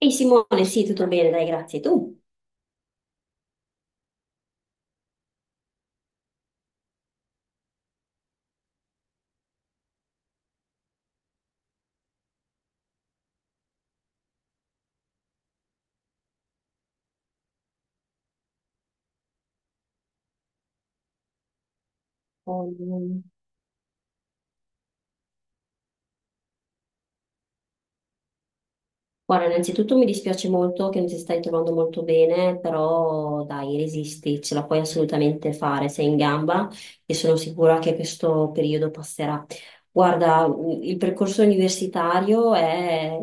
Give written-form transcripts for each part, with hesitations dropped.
Ehi Simone, sì, tutto bene, dai, grazie. Tu? Poi, guarda, innanzitutto mi dispiace molto che non ti stai trovando molto bene, però dai, resisti, ce la puoi assolutamente fare, sei in gamba e sono sicura che questo periodo passerà. Guarda, il percorso universitario è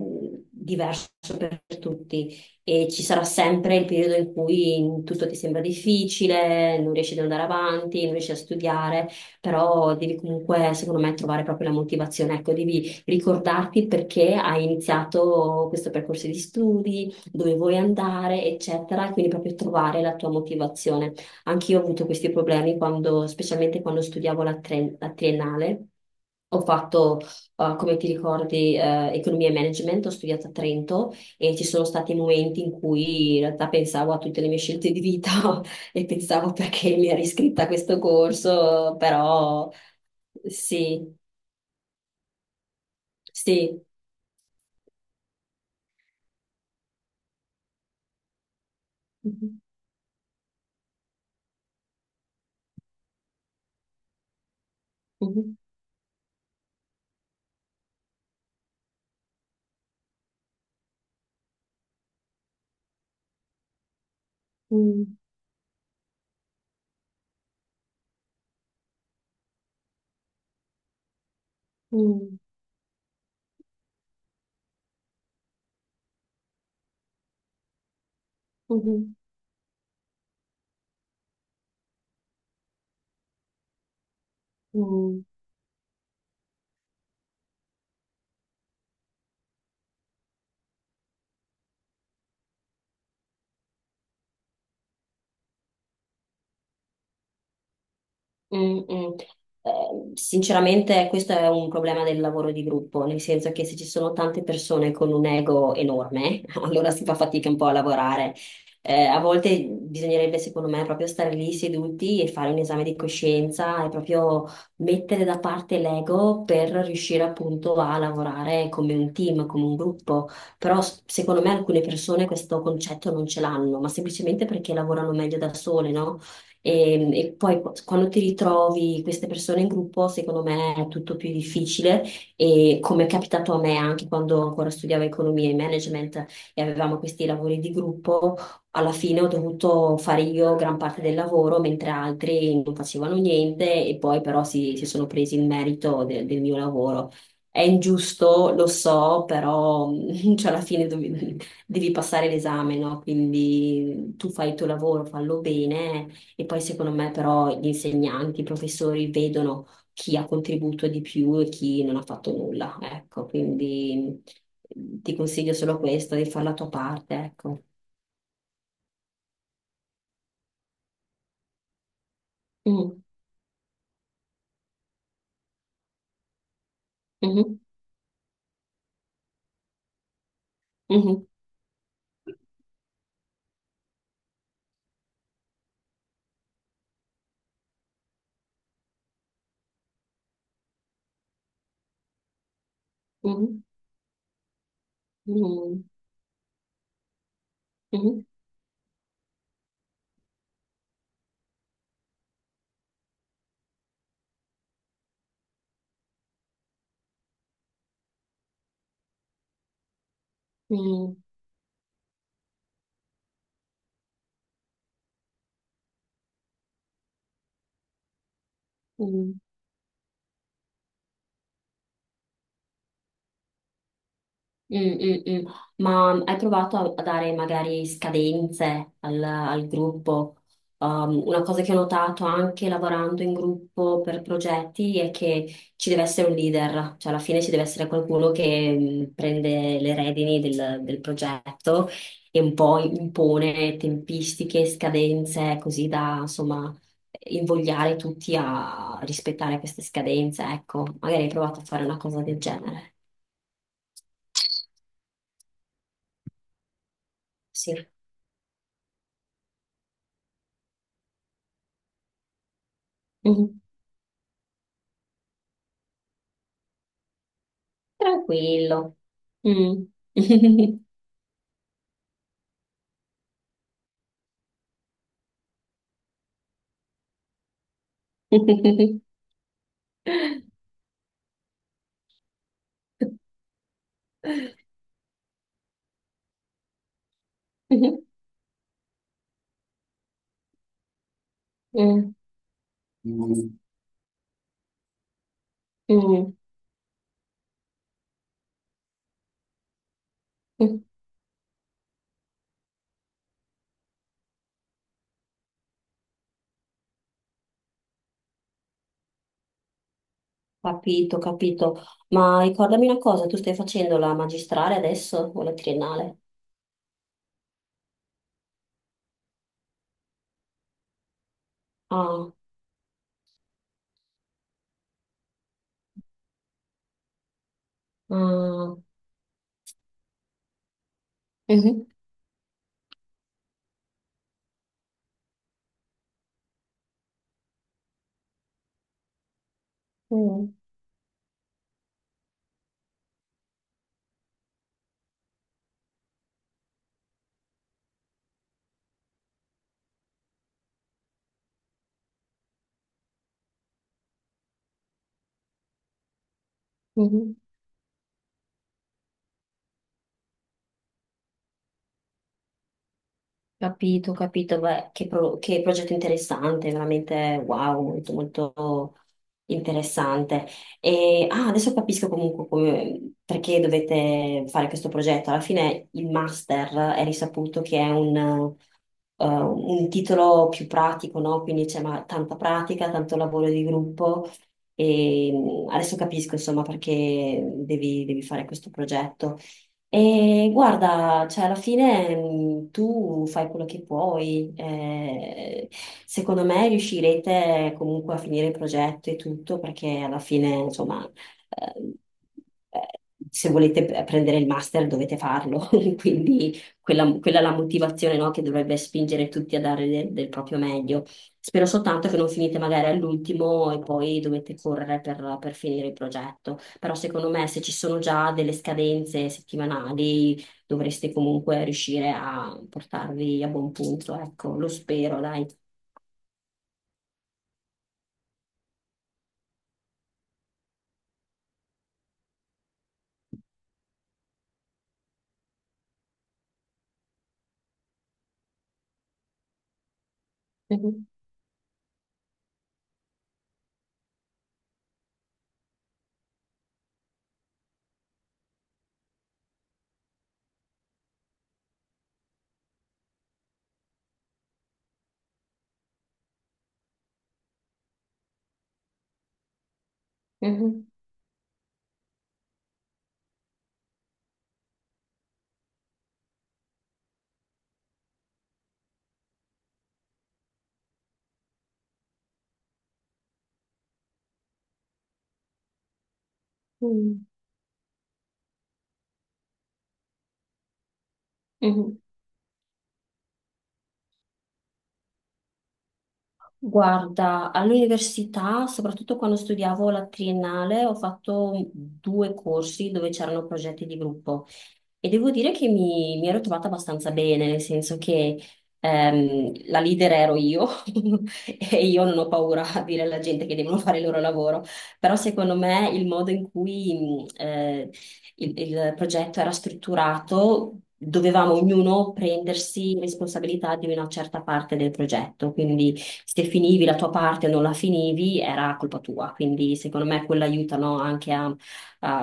diverso per tutti e ci sarà sempre il periodo in cui tutto ti sembra difficile, non riesci ad andare avanti, non riesci a studiare, però devi comunque, secondo me, trovare proprio la motivazione. Ecco, devi ricordarti perché hai iniziato questo percorso di studi, dove vuoi andare, eccetera, e quindi proprio trovare la tua motivazione. Anch'io ho avuto questi problemi quando, specialmente quando studiavo la triennale. Ho fatto, come ti ricordi, economia e management, ho studiato a Trento e ci sono stati momenti in cui in realtà pensavo a tutte le mie scelte di vita e pensavo perché mi ero iscritta a questo corso, però sì, sì. Mhm, mhm. 嗯嗯嗯哼嗯。Mm, mm. Sinceramente questo è un problema del lavoro di gruppo, nel senso che se ci sono tante persone con un ego enorme, allora si fa fatica un po' a lavorare. A volte bisognerebbe, secondo me, proprio stare lì seduti e fare un esame di coscienza e proprio mettere da parte l'ego per riuscire appunto a lavorare come un team, come un gruppo. Però secondo me alcune persone questo concetto non ce l'hanno, ma semplicemente perché lavorano meglio da sole, no? E poi quando ti ritrovi queste persone in gruppo, secondo me è tutto più difficile. E come è capitato a me anche quando ancora studiavo economia e management e avevamo questi lavori di gruppo, alla fine ho dovuto fare io gran parte del lavoro, mentre altri non facevano niente e poi però si sono presi il merito del mio lavoro. È ingiusto, lo so, però cioè, alla fine devi passare l'esame, no? Quindi tu fai il tuo lavoro, fallo bene e poi secondo me però gli insegnanti, i professori vedono chi ha contribuito di più e chi non ha fatto nulla, ecco, quindi ti consiglio solo questo, di fare la tua parte, ecco. Mm, mhm, mhm, mhm, mhm, mhm, mhm, mhm. Mm, mm, mm. Ma hai provato a dare magari scadenze al gruppo? Una cosa che ho notato anche lavorando in gruppo per progetti è che ci deve essere un leader, cioè alla fine ci deve essere qualcuno che prende le redini del progetto e un po' impone tempistiche, scadenze, così da insomma invogliare tutti a rispettare queste scadenze. Ecco, magari hai provato a fare una cosa del genere. Sì. Tranquillo. Mm. Mm, mm, mm. Capito, capito. Ma ricordami una cosa, tu stai facendo la magistrale adesso o la triennale? Ah, ah. Mhm. Mm, mhm. Capito, capito, beh, che, che progetto interessante, veramente wow, molto molto interessante. E ah, adesso capisco comunque perché dovete fare questo progetto. Alla fine il master è risaputo che è un titolo più pratico, no? Quindi c'è tanta pratica, tanto lavoro di gruppo e adesso capisco, insomma, perché devi, devi fare questo progetto. E guarda, cioè, alla fine tu fai quello che puoi. Secondo me riuscirete comunque a finire il progetto e tutto, perché alla fine, insomma, eh, eh, se volete prendere il master dovete farlo. Quindi quella, quella è la motivazione, no, che dovrebbe spingere tutti a dare del proprio meglio. Spero soltanto che non finite magari all'ultimo e poi dovete correre per finire il progetto. Però secondo me se ci sono già delle scadenze settimanali dovreste comunque riuscire a portarvi a buon punto. Ecco, lo spero, dai. Mhm, mhm, mhm, mhm. Guarda, all'università, soprattutto quando studiavo la triennale, ho fatto due corsi dove c'erano progetti di gruppo e devo dire che mi ero trovata abbastanza bene, nel senso che la leader ero io e io non ho paura a dire alla gente che devono fare il loro lavoro, però secondo me il modo in cui il progetto era strutturato dovevamo ognuno prendersi responsabilità di una certa parte del progetto, quindi se finivi la tua parte o non la finivi era colpa tua, quindi secondo me quello aiuta, no, anche a-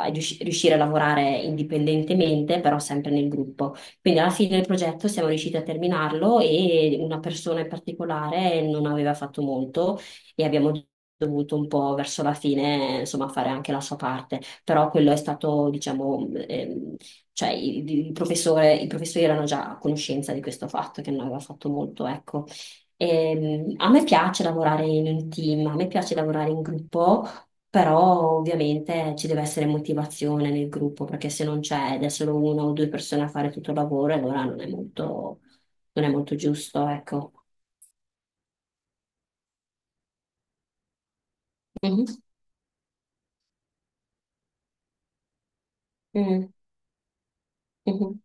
a riuscire a lavorare indipendentemente, però sempre nel gruppo. Quindi alla fine del progetto siamo riusciti a terminarlo e una persona in particolare non aveva fatto molto e abbiamo dovuto un po' verso la fine, insomma, fare anche la sua parte, però quello è stato, diciamo, cioè il professore, i professori erano già a conoscenza di questo fatto, che non aveva fatto molto, ecco. A me piace lavorare in un team, a me piace lavorare in gruppo, però ovviamente ci deve essere motivazione nel gruppo, perché se non c'è ed è solo una o due persone a fare tutto il lavoro, allora non è molto, non è molto giusto, ecco. Mhm. Mm. Mhm.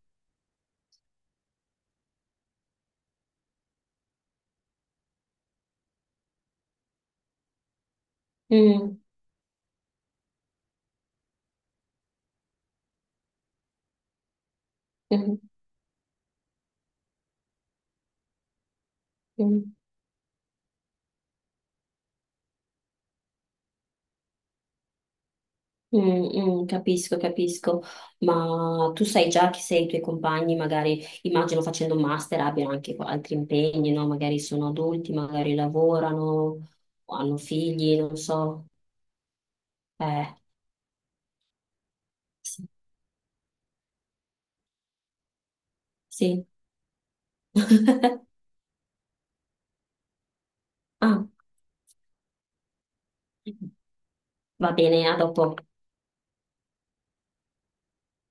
Mm. Mhm. Mm. Mm, mm, capisco, capisco, ma tu sai già che se i tuoi compagni, magari immagino facendo un master, abbiano anche altri impegni, no? Magari sono adulti, magari lavorano, o hanno figli, non so. Eh, sì. Sì. Ah, va bene, a dopo.